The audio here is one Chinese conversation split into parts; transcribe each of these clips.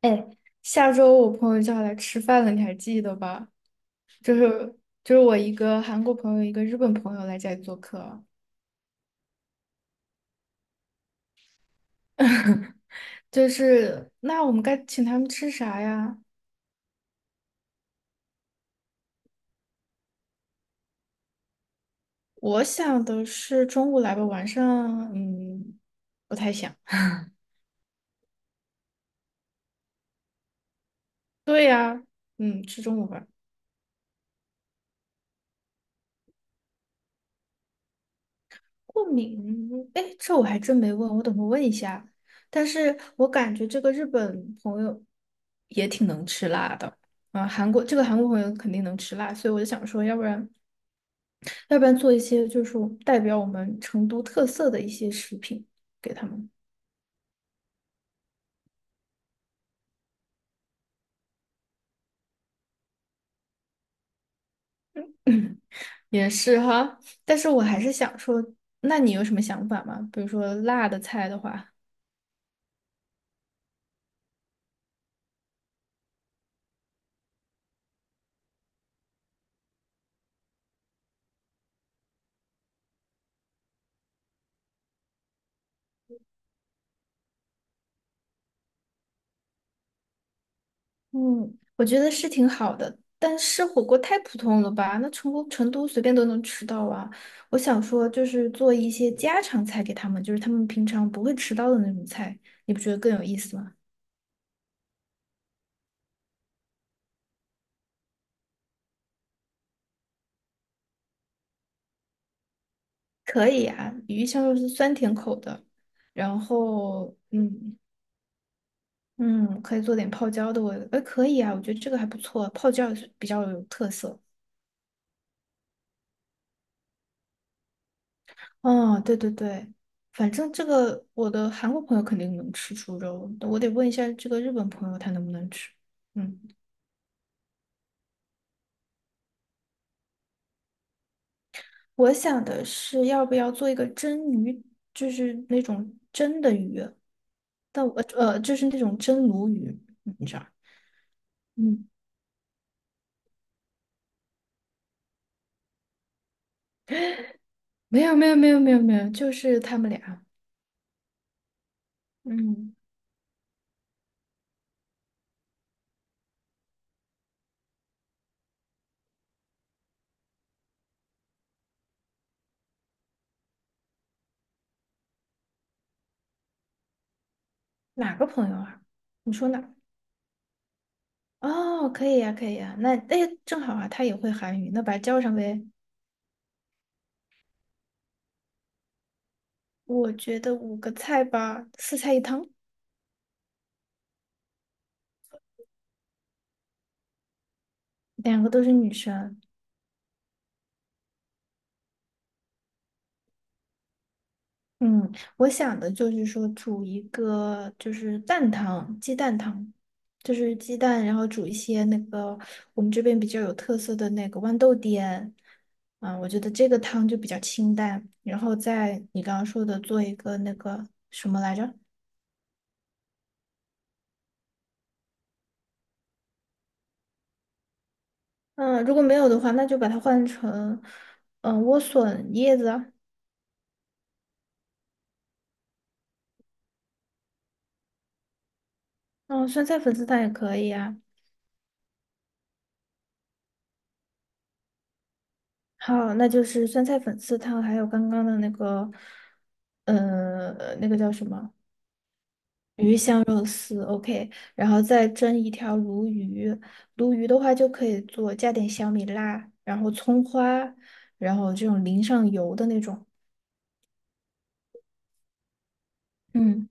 哎，下周我朋友就要来吃饭了，你还记得吧？就是就是我一个韩国朋友，一个日本朋友来家里做客，就是那我们该请他们吃啥呀？我想的是中午来吧，晚上不太想。对呀，嗯，吃中午饭。过敏，哎，这我还真没问，我等会问一下。但是我感觉这个日本朋友，也韩国韩国朋友肯定能吃辣，所以我就想说，要不然。要不然做一些就是代表我们成都特色的一些食品给他们。也是哈，但是我还是想说，那你有什么想法吗？比如说辣的菜的话，嗯，我觉得是挺好的，但是火锅太普通了吧？那成都随便都能吃到啊。我想说，就是做一些家常菜给他们，就是他们平常不会吃到的那种菜，你不觉得更有意思吗？可以啊，鱼香肉丝酸甜口的，然后嗯。嗯，可以做点泡椒的味道，哎，可以啊，我觉得这个还不错，泡椒也是比较有特色。哦，对对对，反正这个我的韩国朋友肯定能吃猪肉，我得问一下这个日本朋友他能不能吃。嗯，我想的是要不要做一个蒸鱼，就是那种蒸的鱼，就是那种蒸鲈鱼，你知道？嗯，没有没有没有没有没有，就是他们俩。嗯，哪个朋友啊？你说哪？哦，可以呀，可以呀，那哎，正好啊，他也会韩语，那把它叫上呗。我觉得五个菜吧，四菜一汤，两个都是女生。嗯，我想的就是说煮一个就是蛋汤，鸡蛋汤，就是鸡蛋，然后煮一些那个我们这边比较有特色的那个豌豆颠。啊，我觉得这个汤就比较清淡，然后在你刚刚说的做一个那个什么来着？嗯，如果没有的话，那就把它换成莴笋叶子啊，嗯，酸菜粉丝汤也可以啊。好，那就是酸菜粉丝汤，还有刚刚的那个，呃，那个叫什么鱼香肉丝，OK，然后再蒸一条鲈鱼，鲈鱼的话就可以做加点小米辣，然后葱花，然后这种淋上油的那种。嗯，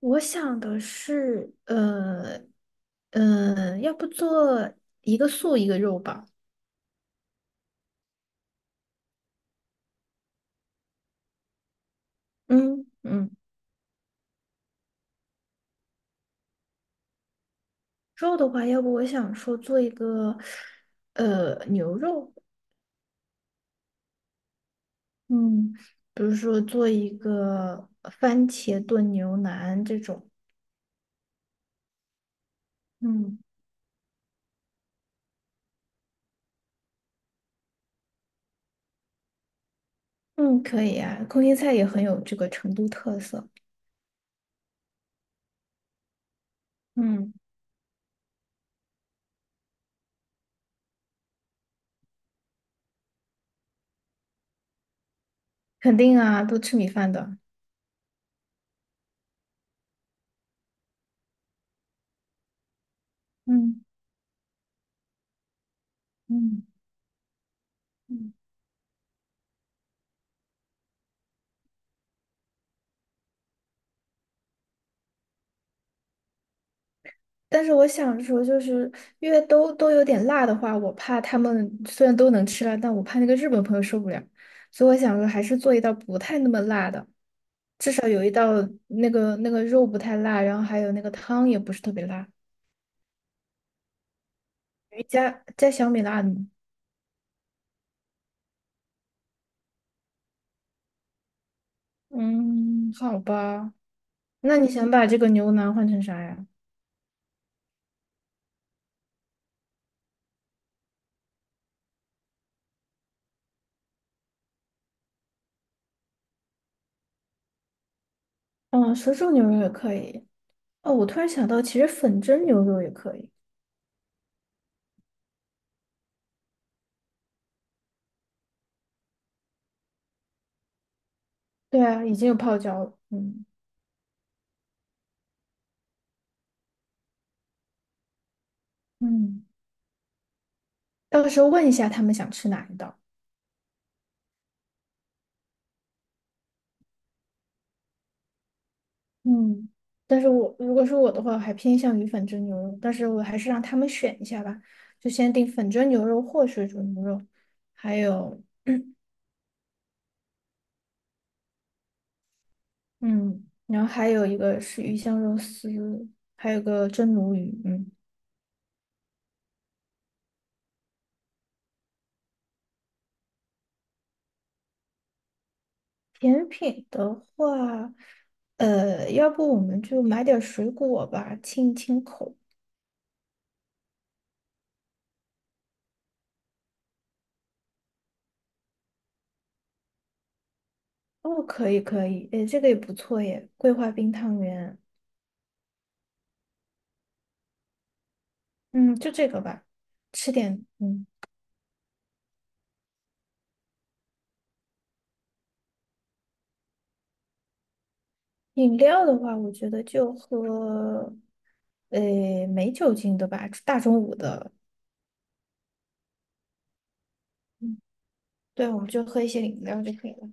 我想的是，要不做一个素一个肉吧。嗯嗯，肉的话，要不我想说做一个牛肉，嗯，比如说做一个番茄炖牛腩这种，嗯嗯，可以啊，空心菜也很有这个成都特色，嗯，肯定啊，都吃米饭的，嗯嗯。嗯但是我想说，就是因为都有点辣的话，我怕他们虽然都能吃辣，但我怕那个日本朋友受不了，所以我想说还是做一道不太那么辣的，至少有一道那个肉不太辣，然后还有那个汤也不是特别辣，加小米辣的吗？嗯，好吧，那你想把这个牛腩换成啥呀？哦，水煮牛肉也可以。哦，我突然想到，其实粉蒸牛肉也可以。对啊，已经有泡椒了。嗯嗯。到时候问一下他们想吃哪一道。嗯，但是我如果是我的话，我还偏向于粉蒸牛肉，但是我还是让他们选一下吧，就先定粉蒸牛肉或水煮牛肉，还有嗯，然后还有一个是鱼香肉丝，还有个蒸鲈鱼，嗯，甜品的话，呃，要不我们就买点水果吧，清一清口。哦，可以可以，诶，这个也不错耶，桂花冰汤圆，嗯，就这个吧，吃点嗯。饮料的话，我觉得就喝，呃，没酒精的吧，大中午的，嗯，对，我们就喝一些饮料就可以了。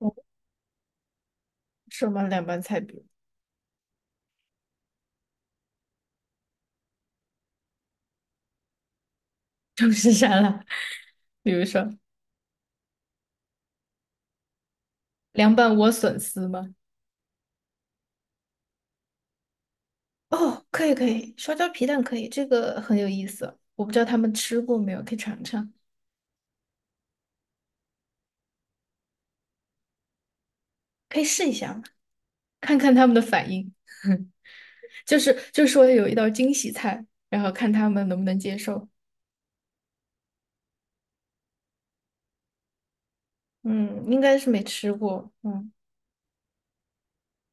我什么凉拌菜，比如中式沙拉，比如说凉拌莴笋丝吗？哦，可以可以，烧椒皮蛋可以，这个很有意思。我不知道他们吃过没有，可以尝尝，可以试一下嘛，看看他们的反应。就是说有一道惊喜菜，然后看他们能不能接受。嗯，应该是没吃过。嗯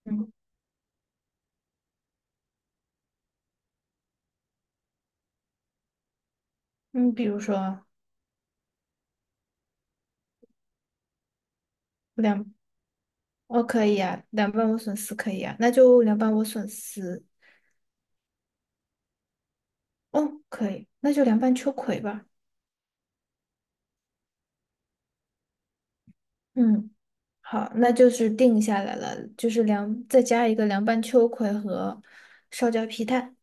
嗯。嗯，比如说两，哦，可以啊，凉拌莴笋丝可以啊，那就凉拌莴笋丝，哦，可以，那就凉拌秋葵吧。嗯，好，那就是定下来了，就是凉，再加一个凉拌秋葵和烧焦皮蛋。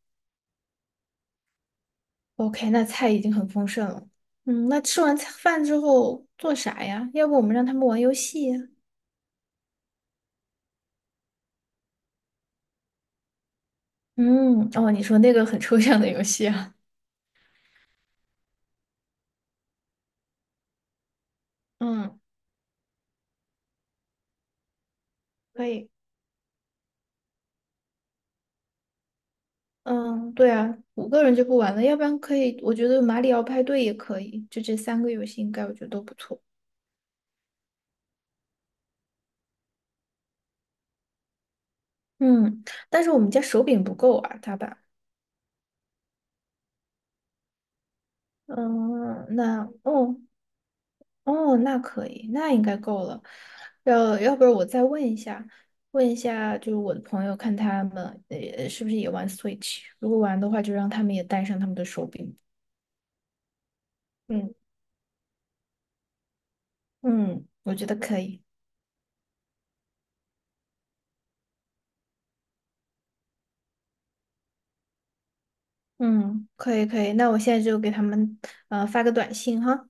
OK，那菜已经很丰盛了。嗯，那吃完菜饭之后做啥呀？要不我们让他们玩游戏呀嗯，哦，你说那个很抽象的游戏啊。嗯，可以。嗯，对啊，五个人就不玩了，要不然可以，我觉得马里奥派对也可以，就这三个游戏应该我觉得都不错。嗯，但是我们家手柄不够啊，大吧？嗯，那哦哦，那可以，那应该够了。要不然我再问一下，问一下就是我的朋友，看他们是不是也玩 Switch，如果玩的话，就让他们也带上他们的手柄。嗯嗯，我觉得可以。嗯，可以可以，那我现在就给他们发个短信哈。